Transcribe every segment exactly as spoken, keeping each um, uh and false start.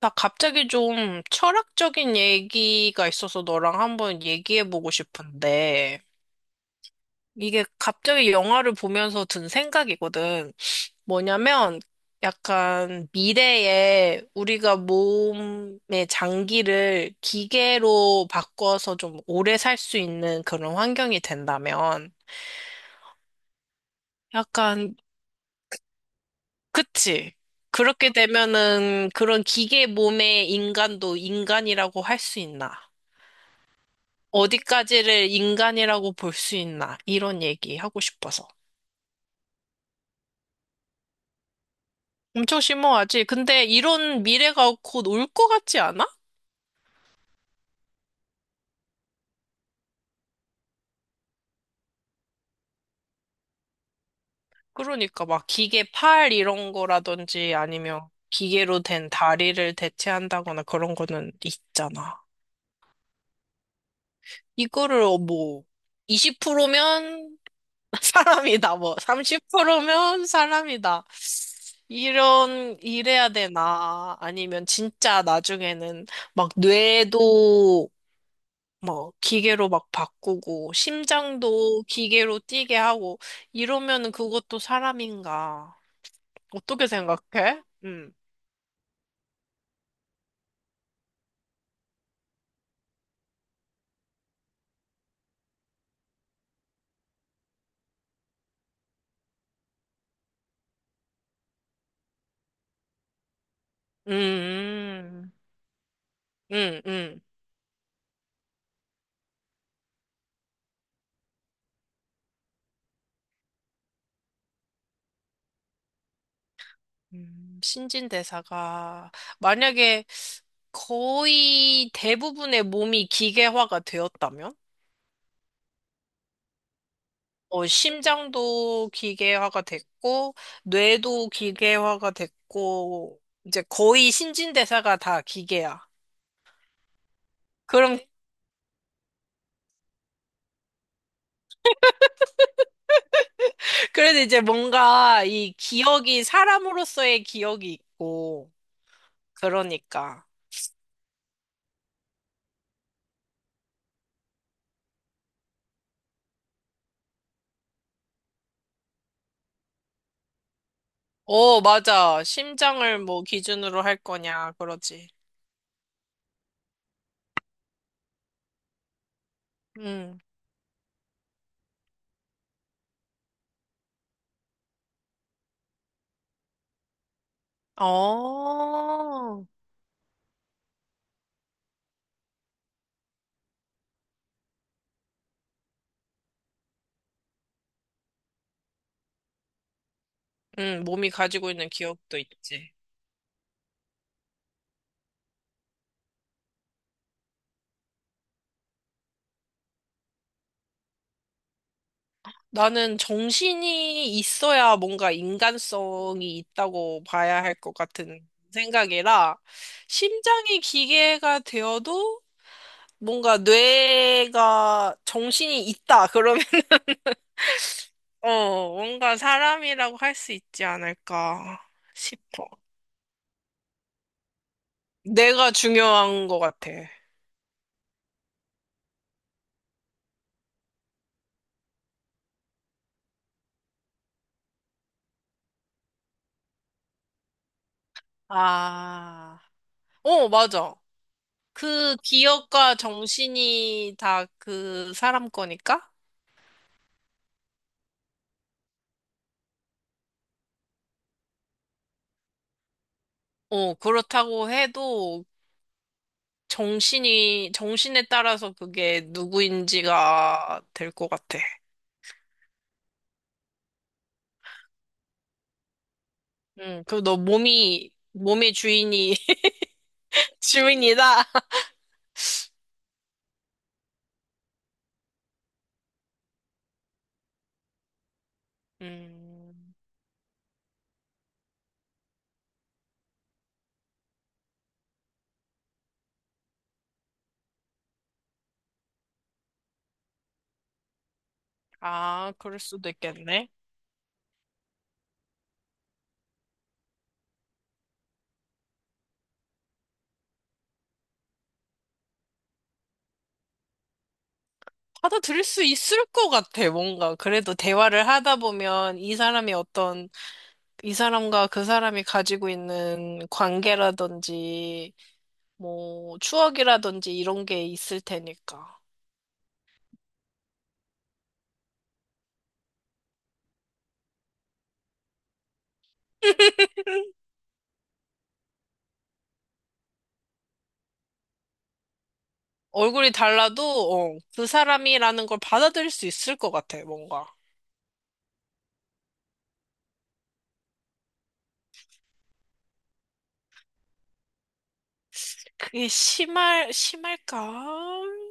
나 갑자기 좀 철학적인 얘기가 있어서 너랑 한번 얘기해보고 싶은데, 이게 갑자기 영화를 보면서 든 생각이거든. 뭐냐면, 약간 미래에 우리가 몸의 장기를 기계로 바꿔서 좀 오래 살 수 있는 그런 환경이 된다면, 약간, 그치? 그렇게 되면은 그런 기계 몸의 인간도 인간이라고 할 수 있나? 어디까지를 인간이라고 볼 수 있나? 이런 얘기 하고 싶어서. 엄청 심오하지? 근데 이런 미래가 곧 올 것 같지 않아? 그러니까 막 기계 팔 이런 거라든지 아니면 기계로 된 다리를 대체한다거나 그런 거는 있잖아. 이거를 어, 뭐 이십 퍼센트면 사람이다, 뭐 삼십 퍼센트면 사람이다. 이런, 이래야 되나? 아니면 진짜 나중에는 막 뇌도 뭐 기계로 막 바꾸고 심장도 기계로 뛰게 하고 이러면은 그것도 사람인가? 어떻게 생각해? 음. 음. 음. 음. 음. 신진대사가 만약에 거의 대부분의 몸이 기계화가 되었다면? 어, 심장도 기계화가 됐고, 뇌도 기계화가 됐고, 이제 거의 신진대사가 다 기계야. 그럼 그래도 이제 뭔가 이 기억이 사람으로서의 기억이 있고, 그러니까. 어, 맞아. 심장을 뭐 기준으로 할 거냐, 그러지. 응. 어. 응, 몸이 가지고 있는 기억도 있지. 나는 정신이 있어야 뭔가 인간성이 있다고 봐야 할 것 같은 생각이라, 심장이 기계가 되어도 뭔가 뇌가 정신이 있다. 어, 뭔가 사람이라고 할 수 있지 않을까 싶어. 내가 중요한 것 같아. 아, 어, 맞아. 그 기억과 정신이 다 그 사람 거니까? 어, 그렇다고 해도 정신이, 정신에 따라서 그게 누구인지가 될 것 같아. 응, 그리고 너 몸이, 몸의 주인이, 주인이다. 음, 아, 그럴 수도 있겠네. 받아들일 수 있을 것 같아, 뭔가. 그래도 대화를 하다 보면 이 사람이 어떤, 이 사람과 그 사람이 가지고 있는 관계라든지, 뭐, 추억이라든지 이런 게 있을 테니까. 얼굴이 달라도, 어, 그 사람이라는 걸 받아들일 수 있을 것 같아, 뭔가. 그게 심할, 심할까?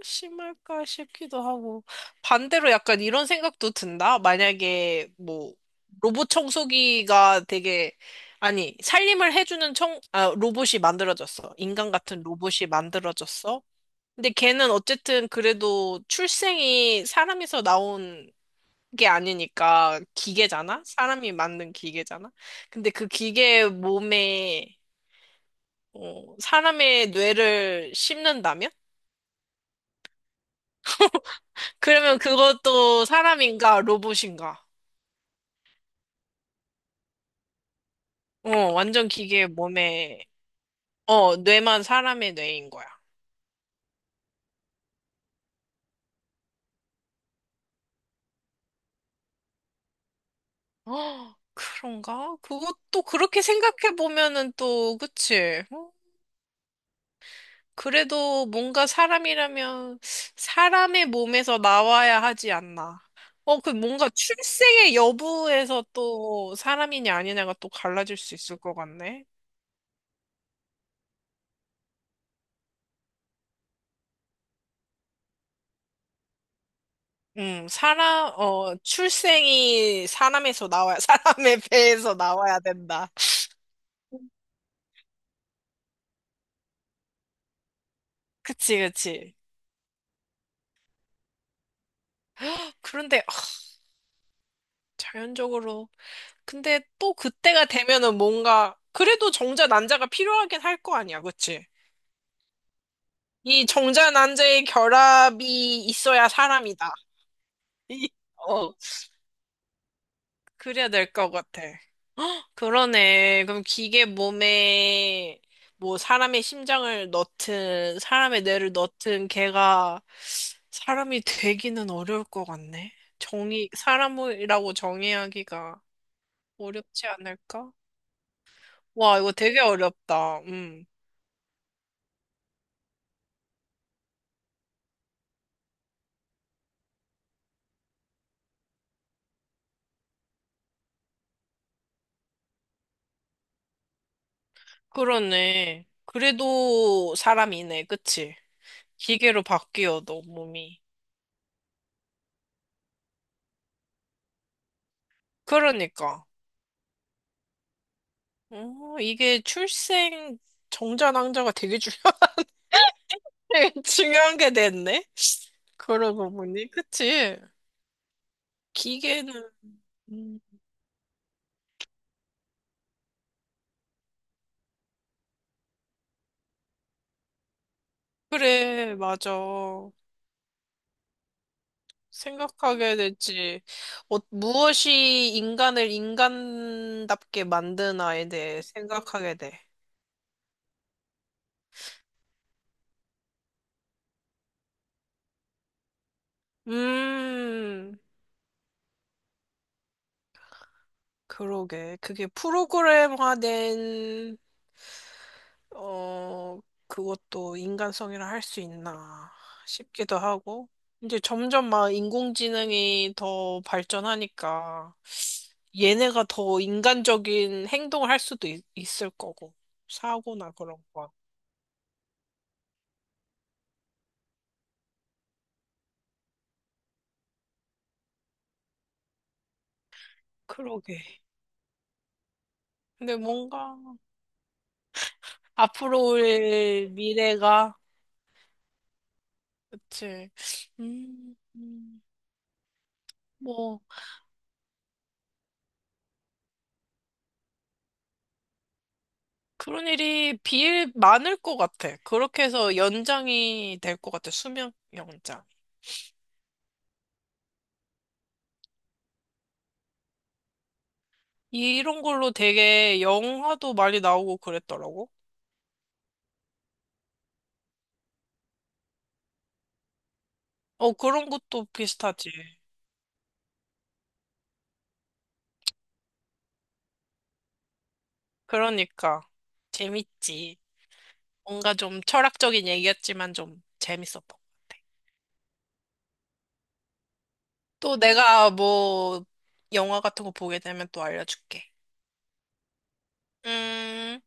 심할까 싶기도 하고. 반대로 약간 이런 생각도 든다? 만약에 뭐, 로봇 청소기가 되게, 아니, 살림을 해주는 청, 아, 로봇이 만들어졌어. 인간 같은 로봇이 만들어졌어. 근데 걔는 어쨌든 그래도 출생이 사람에서 나온 게 아니니까 기계잖아? 사람이 만든 기계잖아? 근데 그 기계 몸에, 어, 사람의 뇌를 심는다면? 그러면 그것도 사람인가 로봇인가? 어, 완전 기계 몸에, 어, 뇌만 사람의 뇌인 거야. 어, 그런가? 그것도 그렇게 생각해 보면은 또, 그치? 어? 그래도 뭔가 사람이라면 사람의 몸에서 나와야 하지 않나. 어, 그 뭔가 출생의 여부에서 또 사람이냐 아니냐가 또 갈라질 수 있을 것 같네. 음, 사람, 어, 출생이 사람에서 나와야, 사람의 배에서 나와야 된다. 그치, 그치. 그런데, 아, 자연적으로. 근데 또 그때가 되면은 뭔가, 그래도 정자 난자가 필요하긴 할 거 아니야, 그치? 이 정자 난자의 결합이 있어야 사람이다. 이- 어, 그래야 될 것 같아. 그러네. 그럼 기계 몸에 뭐 사람의 심장을 넣든 사람의 뇌를 넣든 걔가 사람이 되기는 어려울 것 같네. 정의, 사람이라고 정의하기가 어렵지 않을까? 와, 이거 되게 어렵다. 음. 그러네. 그래도 사람이네. 그치? 기계로 바뀌어도 몸이. 그러니까. 어, 이게 출생 정자 낭자가 되게 중요하다. 되게 중요한 게 됐네. 그러고 보니, 그치? 기계는, 음, 그래, 맞아. 생각하게 됐지. 어, 무엇이 인간을 인간답게 만드나에 대해 생각하게 돼. 음, 그러게. 그게 프로그램화된, 어, 그것도 인간성이라 할 수 있나 싶기도 하고. 이제 점점 막 인공지능이 더 발전하니까. 얘네가 더 인간적인 행동을 할 수도 있, 있을 거고. 사고나 그런 거. 그러게. 근데 뭔가 앞으로의 미래가 그치. 음, 음, 뭐 그런 일이 비일 많을 것 같아. 그렇게 해서 연장이 될 것 같아. 수명 연장. 이런 걸로 되게 영화도 많이 나오고 그랬더라고. 어, 그런 것도 비슷하지. 그러니까 재밌지. 뭔가 좀 철학적인 얘기였지만 좀 재밌었던 것 같아. 또 내가 뭐 영화 같은 거 보게 되면 또 알려줄게. 음.